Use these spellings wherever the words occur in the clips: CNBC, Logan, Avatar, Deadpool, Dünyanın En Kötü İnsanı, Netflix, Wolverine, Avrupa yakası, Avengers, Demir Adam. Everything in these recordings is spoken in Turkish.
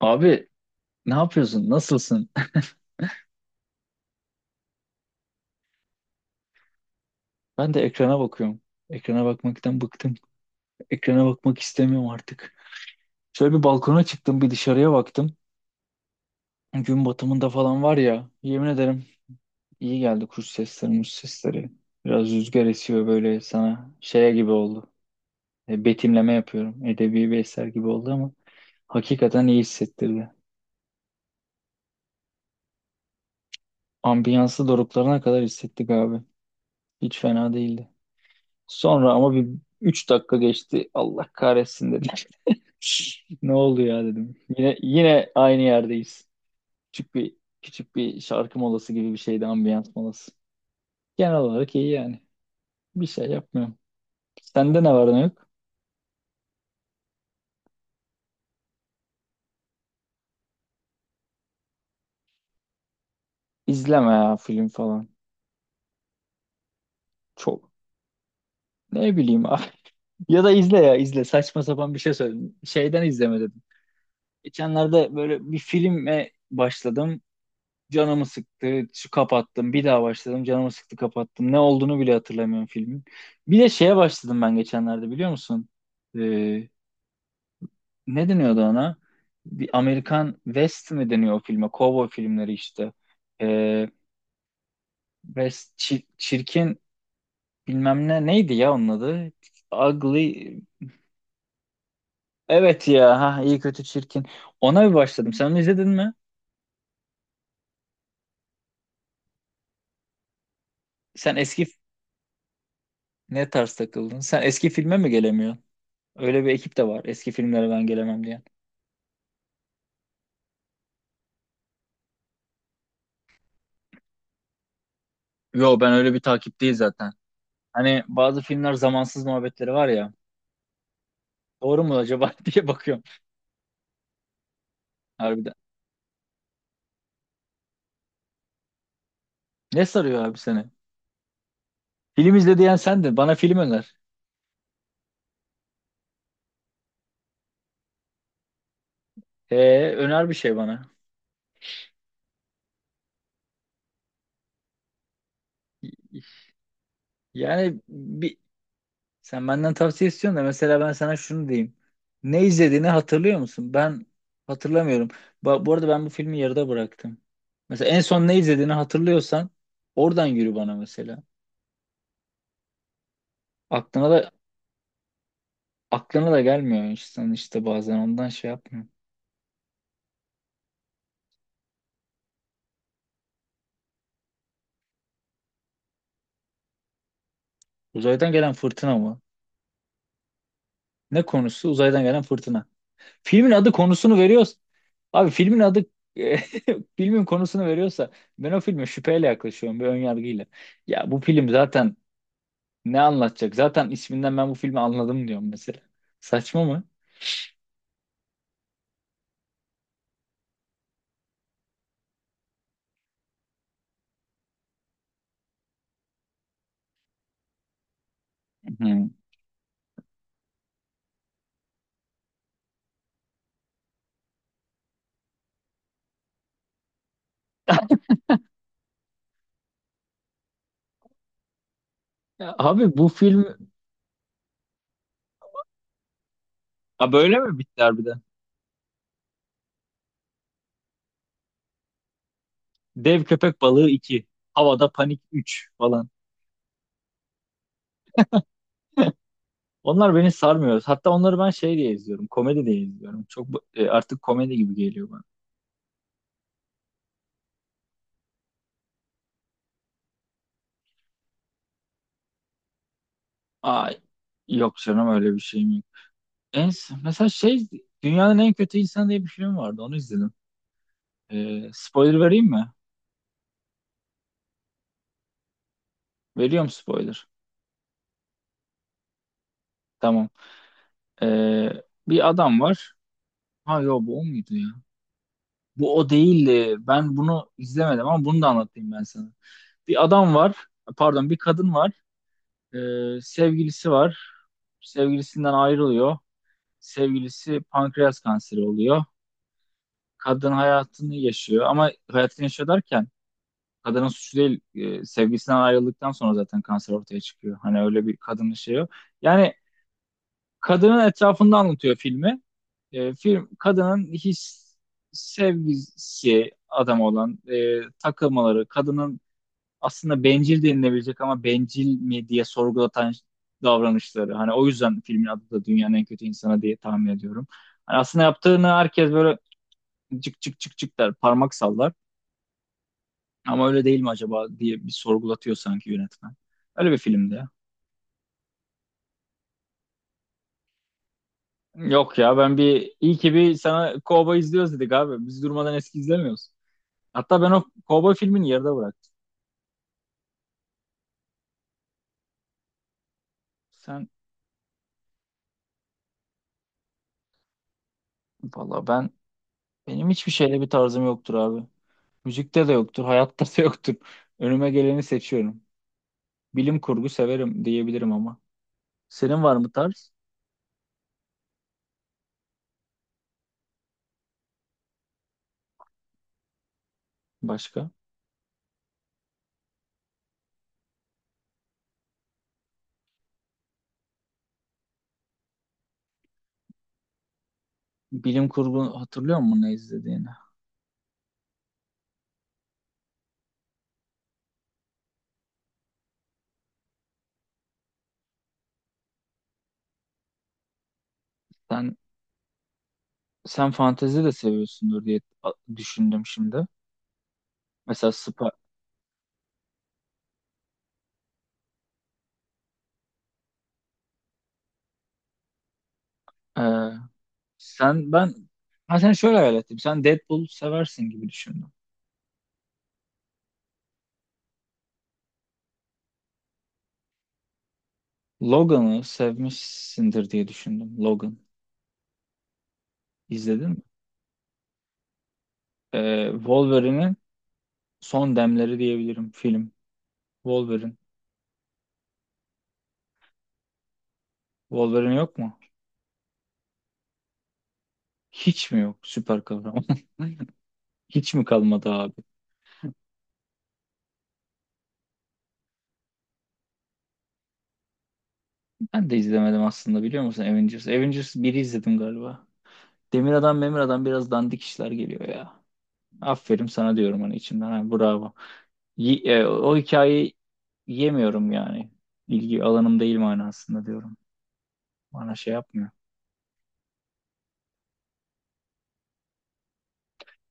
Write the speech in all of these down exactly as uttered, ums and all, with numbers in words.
Abi ne yapıyorsun? Nasılsın? Ben de ekrana bakıyorum. Ekrana bakmaktan bıktım. Ekrana bakmak istemiyorum artık. Şöyle bir balkona çıktım, bir dışarıya baktım. Gün batımında falan var ya, yemin ederim iyi geldi kuş sesleri, muş sesleri. Biraz rüzgar esiyor böyle sana şeye gibi oldu. E, betimleme yapıyorum. Edebi bir eser gibi oldu ama hakikaten iyi hissettirdi. Ambiyansı doruklarına kadar hissettik abi. Hiç fena değildi. Sonra ama bir üç dakika geçti. Allah kahretsin dedim. Ne oldu ya dedim. Yine yine aynı yerdeyiz. Küçük bir küçük bir şarkı molası gibi bir şeydi, ambiyans molası. Genel olarak iyi yani. Bir şey yapmıyorum. Sende ne var ne yok? İzleme ya film falan. Çok ne bileyim abi. Ya da izle ya izle. Saçma sapan bir şey söyledim. Şeyden izleme dedim. Geçenlerde böyle bir filme başladım. Canımı sıktı. Şu kapattım. Bir daha başladım. Canımı sıktı kapattım. Ne olduğunu bile hatırlamıyorum filmin. Bir de şeye başladım ben geçenlerde biliyor musun? Ee, Ne deniyordu ona? Bir Amerikan West mi deniyor o filme? Cowboy filmleri işte. Ee, West çir- çirkin bilmem ne neydi ya onun adı? Ugly. Evet ya ha iyi kötü çirkin. Ona bir başladım. Sen onu izledin mi? Sen eski ne tarz takıldın? Sen eski filme mi gelemiyorsun? Öyle bir ekip de var. Eski filmlere ben gelemem diyen. Yo ben öyle bir takip değil zaten. Hani bazı filmler zamansız muhabbetleri var ya. Doğru mu acaba diye bakıyorum harbiden. Ne sarıyor abi seni? Film izle diyen sendin. Bana film öner. Ee, öner bir şey bana. Yani bir, Sen benden tavsiye istiyorsun da mesela ben sana şunu diyeyim. Ne izlediğini hatırlıyor musun? Ben hatırlamıyorum. Ba- bu arada ben bu filmi yarıda bıraktım. Mesela en son ne izlediğini hatırlıyorsan oradan yürü bana mesela. Aklına da aklına da gelmiyor insan işte bazen ondan şey yapmıyor. Uzaydan gelen fırtına mı? Ne konusu? Uzaydan gelen fırtına. Filmin adı konusunu veriyor. Abi filmin adı filmin konusunu veriyorsa ben o filme şüpheyle yaklaşıyorum bir ön yargıyla. Ya bu film zaten ne anlatacak? Zaten isminden ben bu filmi anladım diyorum mesela. Saçma mı? Hı. Ya abi bu film. Ha böyle mi bitti harbiden? Dev köpek balığı iki, havada panik üç falan. Onlar beni sarmıyor. Hatta onları ben şey diye izliyorum. Komedi diye izliyorum. Çok bu- e, artık komedi gibi geliyor bana. Ay yok canım öyle bir şey mi. En, mesela şey Dünyanın En Kötü İnsanı diye bir film vardı. Onu izledim. Ee, spoiler vereyim mi? Veriyorum spoiler. Tamam. Ee, Bir adam var. Ha yo bu o muydu ya? Bu o değildi. Ben bunu izlemedim ama bunu da anlatayım ben sana. Bir adam var. Pardon bir kadın var. Ee, sevgilisi var. Sevgilisinden ayrılıyor. Sevgilisi pankreas kanseri oluyor. Kadın hayatını yaşıyor ama hayatını yaşıyor derken kadının suçu değil. E, sevgisinden ayrıldıktan sonra zaten kanser ortaya çıkıyor. Hani öyle bir kadının şeyi yok. Yani kadının etrafında anlatıyor filmi. E, film kadının his sevgisi adam olan e, takılmaları, kadının aslında bencil denilebilecek ama bencil mi diye sorgulatan davranışları. Hani o yüzden filmin adı da Dünyanın En Kötü İnsanı diye tahmin ediyorum. Hani aslında yaptığını herkes böyle cık cık cık cık der, parmak sallar. Ama öyle değil mi acaba diye bir sorgulatıyor sanki yönetmen. Öyle bir filmdi ya. Yok ya ben bir iyi ki bir sana Cowboy izliyoruz dedik abi. Biz durmadan eski izlemiyoruz. Hatta ben o Cowboy filmini yarıda bıraktım. Sen valla ben benim hiçbir şeyle bir tarzım yoktur abi. Müzikte de yoktur, hayatta da yoktur. Önüme geleni seçiyorum. Bilim kurgu severim diyebilirim ama. Senin var mı tarz? Başka? Bilim kurgu hatırlıyor musun ne izlediğini? Sen sen fantezi de seviyorsundur diye a- düşündüm şimdi. Mesela Spa, e, sen ben ha sen şöyle hayal ettim. Sen Deadpool seversin gibi düşündüm. Logan'ı sevmişsindir diye düşündüm. Logan. İzledin mi? E, Wolverine'in son demleri diyebilirim film. Wolverine. Wolverine yok mu? Hiç mi yok süper kahraman? Hiç mi kalmadı abi? Ben de izlemedim aslında biliyor musun Avengers? Avengers biri izledim galiba. Demir Adam, Memir Adam biraz dandik işler geliyor ya. Aferin sana diyorum hani içimden. Ha, bravo. Ye- e, o hikayeyi yemiyorum yani. İlgi alanım değil manasında diyorum. Bana şey yapmıyor.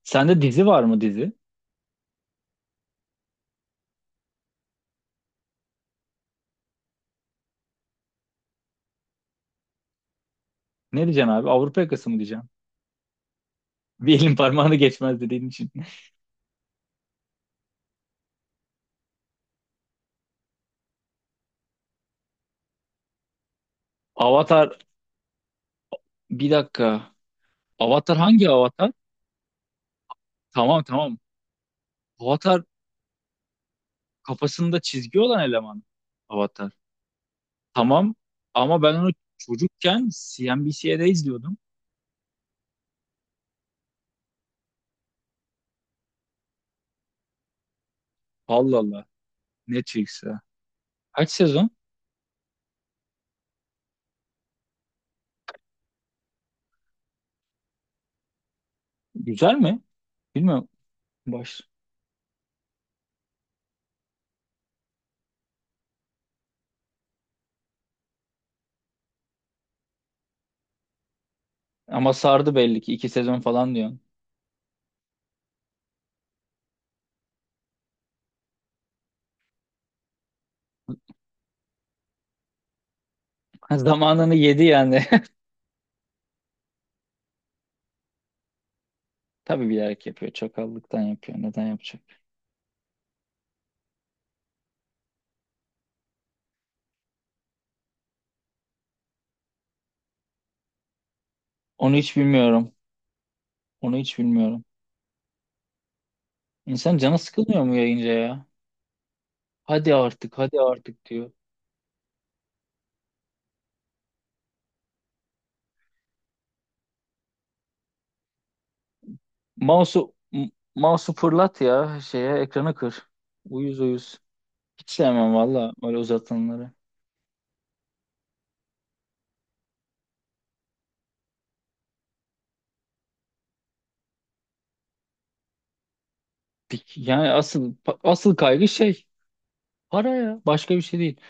Sende dizi var mı dizi? Ne diyeceksin abi? Avrupa yakası mı diyeceksin? Bir elin parmağını geçmez dediğin için. Avatar bir dakika. Avatar hangi avatar? Tamam tamam. Avatar kafasında çizgi olan eleman. Avatar. Tamam ama ben onu çocukken C N B C'de izliyordum. Allah Allah. Netflix'te. Kaç sezon? Güzel mi? Bilmiyorum. Baş ama sardı belli ki iki sezon falan diyorsun. Zamanını yedi yani. Tabii bilerek yapıyor. Çakallıktan yapıyor. Neden yapacak? Onu hiç bilmiyorum. Onu hiç bilmiyorum. İnsan canı sıkılmıyor mu yayınca ya? Hadi artık, hadi artık diyor. Mouse'u m- mouse'u fırlat ya şeye ekrana kır. Uyuz uyuz. Hiç sevmem valla öyle uzatanları. Bir- yani asıl asıl kaygı şey para ya. Başka bir şey değil.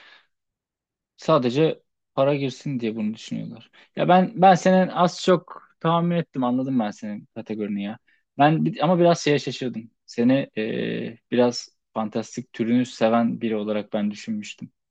Sadece para girsin diye bunu düşünüyorlar. Ya ben ben senin az çok tahmin ettim anladım ben senin kategorini ya. Ben bir- ama biraz şeye şaşırdım. Seni eee, biraz fantastik türünü seven biri olarak ben düşünmüştüm.